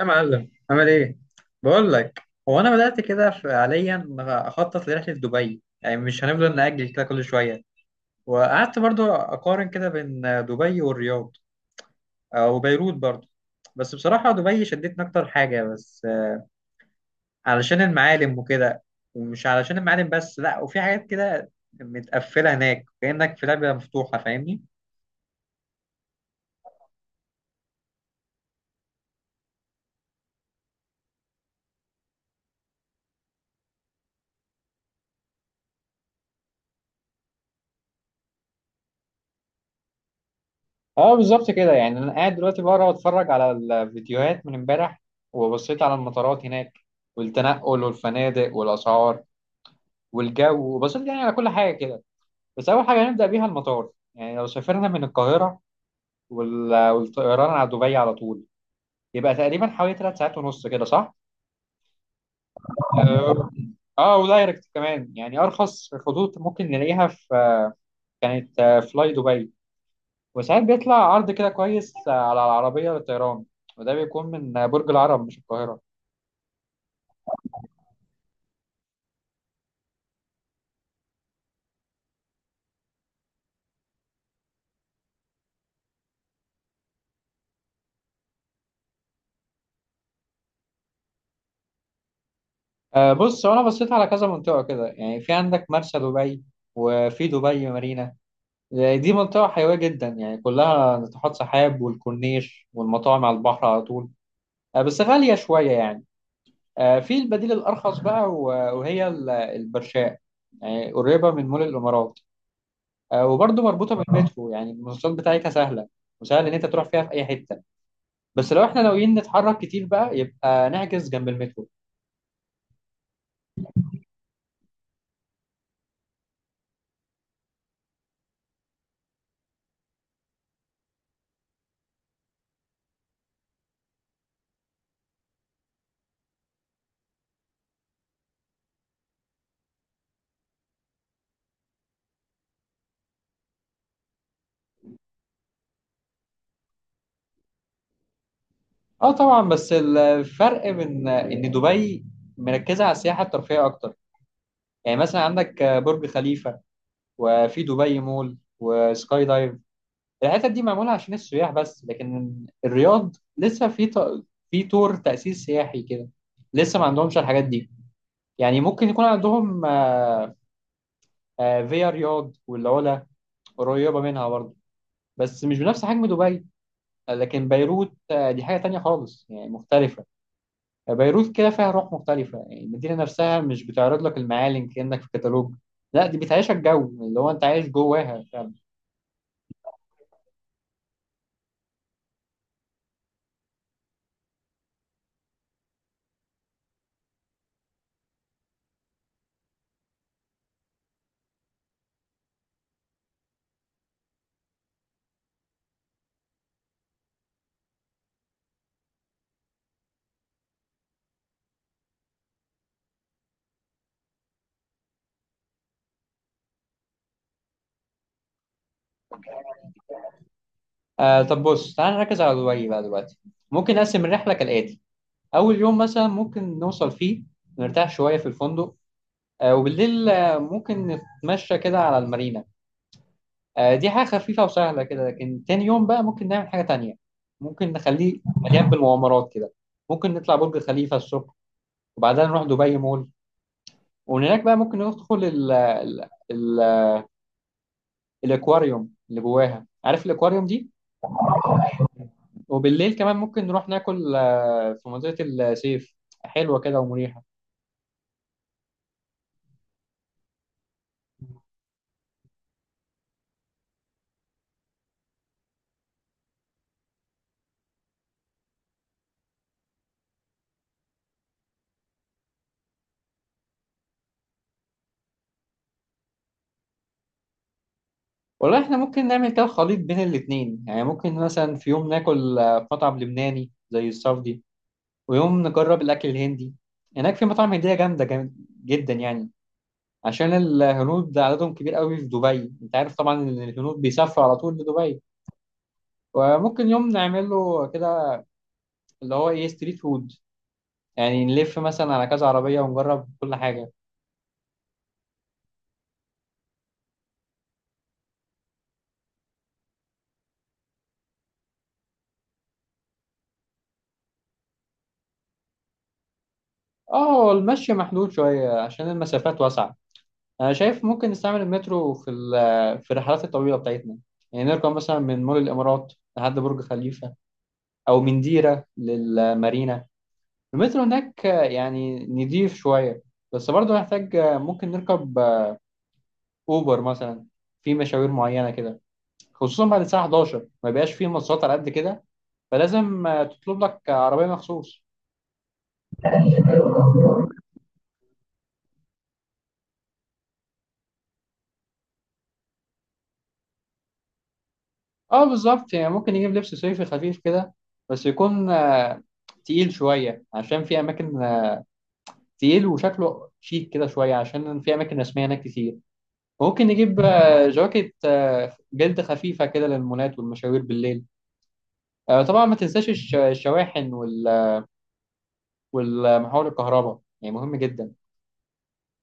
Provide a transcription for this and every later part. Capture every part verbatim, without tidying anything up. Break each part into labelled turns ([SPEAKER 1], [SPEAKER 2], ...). [SPEAKER 1] يا معلم، عامل ايه؟ بقول لك. هو انا بدات كده فعليا اخطط لرحله دبي، يعني مش هنفضل ناجل كده كل شويه. وقعدت برضو اقارن كده بين دبي والرياض او بيروت برضو. بس بصراحه دبي شدتني اكتر حاجه، بس علشان المعالم وكده. ومش علشان المعالم بس، لا، وفي حاجات كده متقفله هناك كانك في لعبه مفتوحه، فاهمني؟ اه بالظبط كده، يعني انا قاعد دلوقتي بقرا واتفرج على الفيديوهات من امبارح. وبصيت على المطارات هناك، والتنقل والفنادق والاسعار والجو، وبصيت يعني على كل حاجه كده. بس اول حاجه هنبدا بيها المطار، يعني لو سافرنا من القاهره وال- والطيران على دبي على طول، يبقى تقريبا حوالي 3 ساعات ونص كده، صح؟ اه، آه، ودايركت كمان، يعني ارخص خطوط ممكن نلاقيها في كانت آه، فلاي دبي. وساعات بيطلع عرض كده كويس آه، على العربية للطيران، وده بيكون من برج العرب مش القاهرة. آه، بص، هو أنا بصيت على كذا منطقة كده، يعني في عندك مرسى دبي وفي دبي مارينا. آه، دي منطقة حيوية جدا، يعني كلها ناطحات سحاب والكورنيش والمطاعم على البحر على طول. آه، بس غالية شوية يعني. آه، في البديل الأرخص بقى و- وهي ال- البرشاء، يعني قريبة من مول الإمارات. آه، وبرضه مربوطة بالمترو، يعني المواصلات بتاعتها سهلة وسهل إن أنت تروح فيها في أي حتة. بس لو احنا ناويين نتحرك كتير بقى، يبقى نحجز جنب المترو. اه طبعا، بس الفرق من ان دبي مركزة على السياحة الترفيهية اكتر، يعني مثلا عندك برج خليفة وفي دبي مول وسكاي دايف. الحتت دي معمولة عشان السياح بس، لكن الرياض لسه في ط... في طور تأسيس سياحي كده، لسه ما عندهمش الحاجات دي. يعني ممكن يكون عندهم آه، آه، فيا رياض والعلا قريبة منها برضه، بس مش بنفس حجم دبي. لكن بيروت آه، دي حاجة تانية خالص، يعني مختلفة. بيروت كده فيها روح مختلفة، يعني المدينة نفسها مش بتعرض لك المعالم كأنك في كتالوج. لا، دي بتعيشك جو اللي هو انت عايش جواها فعلا. آه طب بص، تعال نركز على دبي بقى دلوقتي. ممكن نقسم الرحلة كالآتي: أول يوم مثلا ممكن نوصل فيه، نرتاح شوية في الفندق، آه وبالليل آه ممكن نتمشى كده على المارينا. آه دي حاجة خفيفة وسهلة كده، لكن تاني يوم بقى ممكن نعمل حاجة تانية، ممكن نخليه مليان بالمغامرات كده. ممكن نطلع برج خليفة الصبح وبعدها نروح دبي مول، ومن هناك بقى ممكن ندخل ال ال ال الاكواريوم اللي جواها، عارف الاكواريوم دي. وبالليل كمان ممكن نروح ناكل آه، في منطقة السيف، حلوة كده ومريحة. والله احنا ممكن نعمل كده خليط بين الاتنين، يعني ممكن مثلا في يوم ناكل آه، في مطعم لبناني زي السعودي، ويوم نجرب الأكل الهندي. هناك في مطاعم هندية جامدة جام- جدا يعني، عشان الهنود عددهم كبير قوي في دبي، انت عارف طبعا ان الهنود بيسافروا على طول لدبي. وممكن يوم نعمله كده اللي هو ايه ستريت فود، يعني نلف مثلا على كذا عربية ونجرب كل حاجة. اه، هو المشي محدود شوية عشان المسافات واسعة. انا شايف ممكن نستعمل المترو في ال- في الرحلات الطويلة بتاعتنا، يعني نركب مثلا من مول الامارات لحد برج خليفة، او من ديرة للمارينا. المترو هناك آه، يعني نضيف شوية، بس برضه محتاج آه، ممكن نركب آه، اوبر مثلا في مشاوير معينة كده، خصوصا بعد الساعة الحادية عشرة ما بيبقاش فيه مواصلات على قد كده، فلازم آه، تطلب لك عربية مخصوص. اه بالظبط، يعني ممكن يجيب لبس صيفي خفيف كده، بس يكون آه، تقيل شوية عشان في أماكن آه، تقيل وشكله شيك كده شوية عشان في أماكن رسمية هناك كتير. ممكن نجيب آه، جواكت آه، جلد خفيفة كده للمولات والمشاوير بالليل. آه، طبعا ما تنساش الش- الشواحن وال- والمحول الكهرباء، يعني مهم جدا.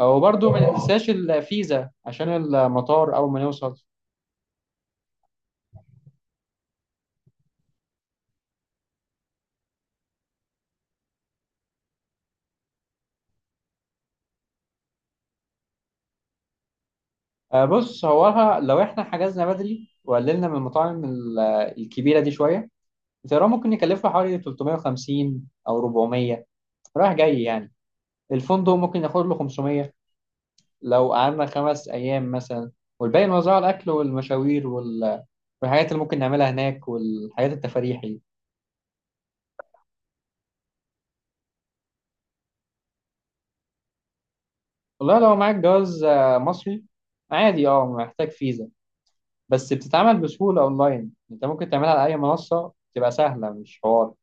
[SPEAKER 1] وبرده ما ننساش الفيزا عشان المطار أول ما نوصل. آه، بص، هو لو احنا حجزنا بدري وقللنا من المطاعم ال- الكبيرة دي شوية، الطيران ممكن يكلفه حوالي ثلاثمائة وخمسين أو أربعمية رايح جاي يعني. الفندق ممكن ياخد له خمسمية لو قعدنا خمس أيام مثلا، والباقي نوزعه على الأكل والمشاوير وال- والحاجات اللي ممكن نعملها هناك والحاجات التفاريح دي. والله لو معاك جواز آه، مصري عادي، اه محتاج فيزا، بس بتتعمل بسهولة أونلاين، أنت ممكن تعملها على أي منصة تبقى سهلة، مش حوار.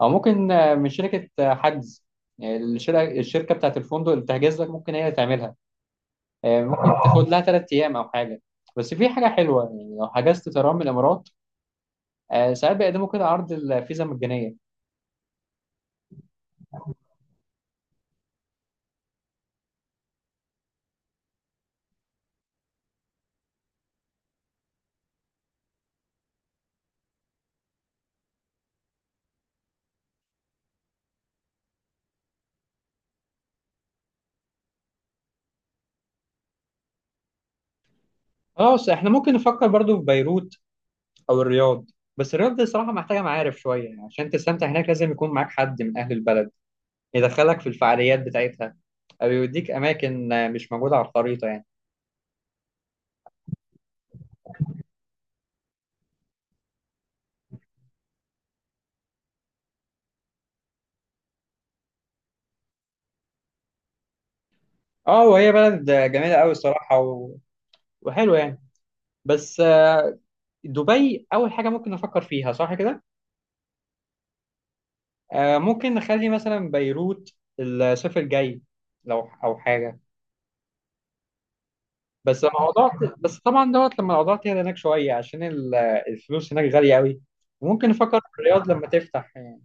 [SPEAKER 1] أو ممكن آه، من شركة آه، حجز، يعني الشركة الشركة بتاعت الفندق اللي بتحجز لك ممكن هي تعملها. آه، ممكن تاخد لها ثلاث ايام او حاجه. بس في حاجه حلوه، يعني لو حجزت طيران من الامارات، آه، ساعات بيقدموا كده عرض الفيزا مجانيه. خلاص، احنا ممكن نفكر برضو في بيروت او الرياض. بس الرياض دي صراحه محتاجه معارف شويه، يعني عشان تستمتع هناك لازم يكون معاك حد من اهل البلد يدخلك في الفعاليات بتاعتها، او يوديك اماكن آه، مش موجوده على الخريطه يعني. اه، وهي بلد آه، جميله قوي الصراحه و... وحلوه يعني. بس آه، دبي اول حاجه ممكن نفكر فيها، صح كده. آه، ممكن نخلي مثلا بيروت الصيف الجاي لو او حاجه. بس الموضوع بس طبعا دوت لما الاوضاع تهدى هناك شويه، عشان ال- الفلوس هناك غاليه قوي، وممكن نفكر في الرياض لما تفتح يعني.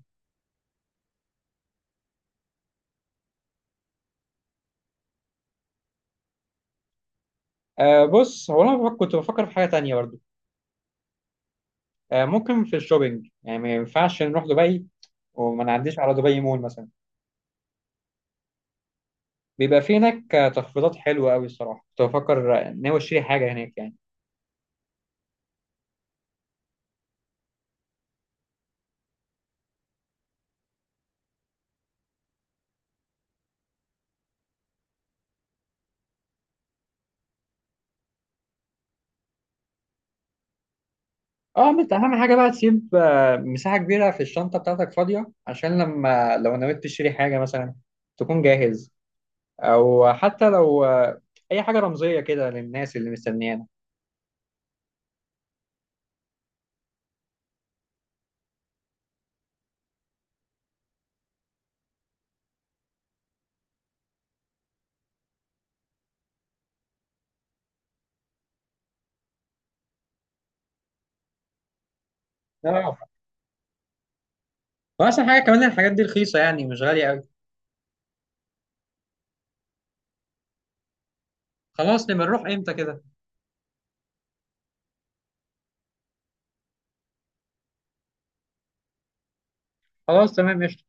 [SPEAKER 1] آه بص، هو انا بفكر- كنت بفكر في حاجه تانية برضو. آه ممكن في الشوبينج، يعني ما ينفعش نروح دبي وما نعديش على دبي مول مثلا. بيبقى في هناك آه، تخفيضات حلوه قوي الصراحه، كنت بفكر آه، ناوي اشتري حاجه هناك يعني. اه، بس اهم حاجه بقى تسيب آه، مساحه كبيره في الشنطه بتاعتك فاضيه، عشان لما لو نويت تشتري حاجه مثلا تكون جاهز، او حتى لو آه، اي حاجه رمزيه كده للناس اللي مستنيانا. اه، واحسن حاجه كمان الحاجات دي رخيصه، يعني مش غاليه قوي. خلاص، نبقى نروح امتى كده؟ خلاص تمام قشطة.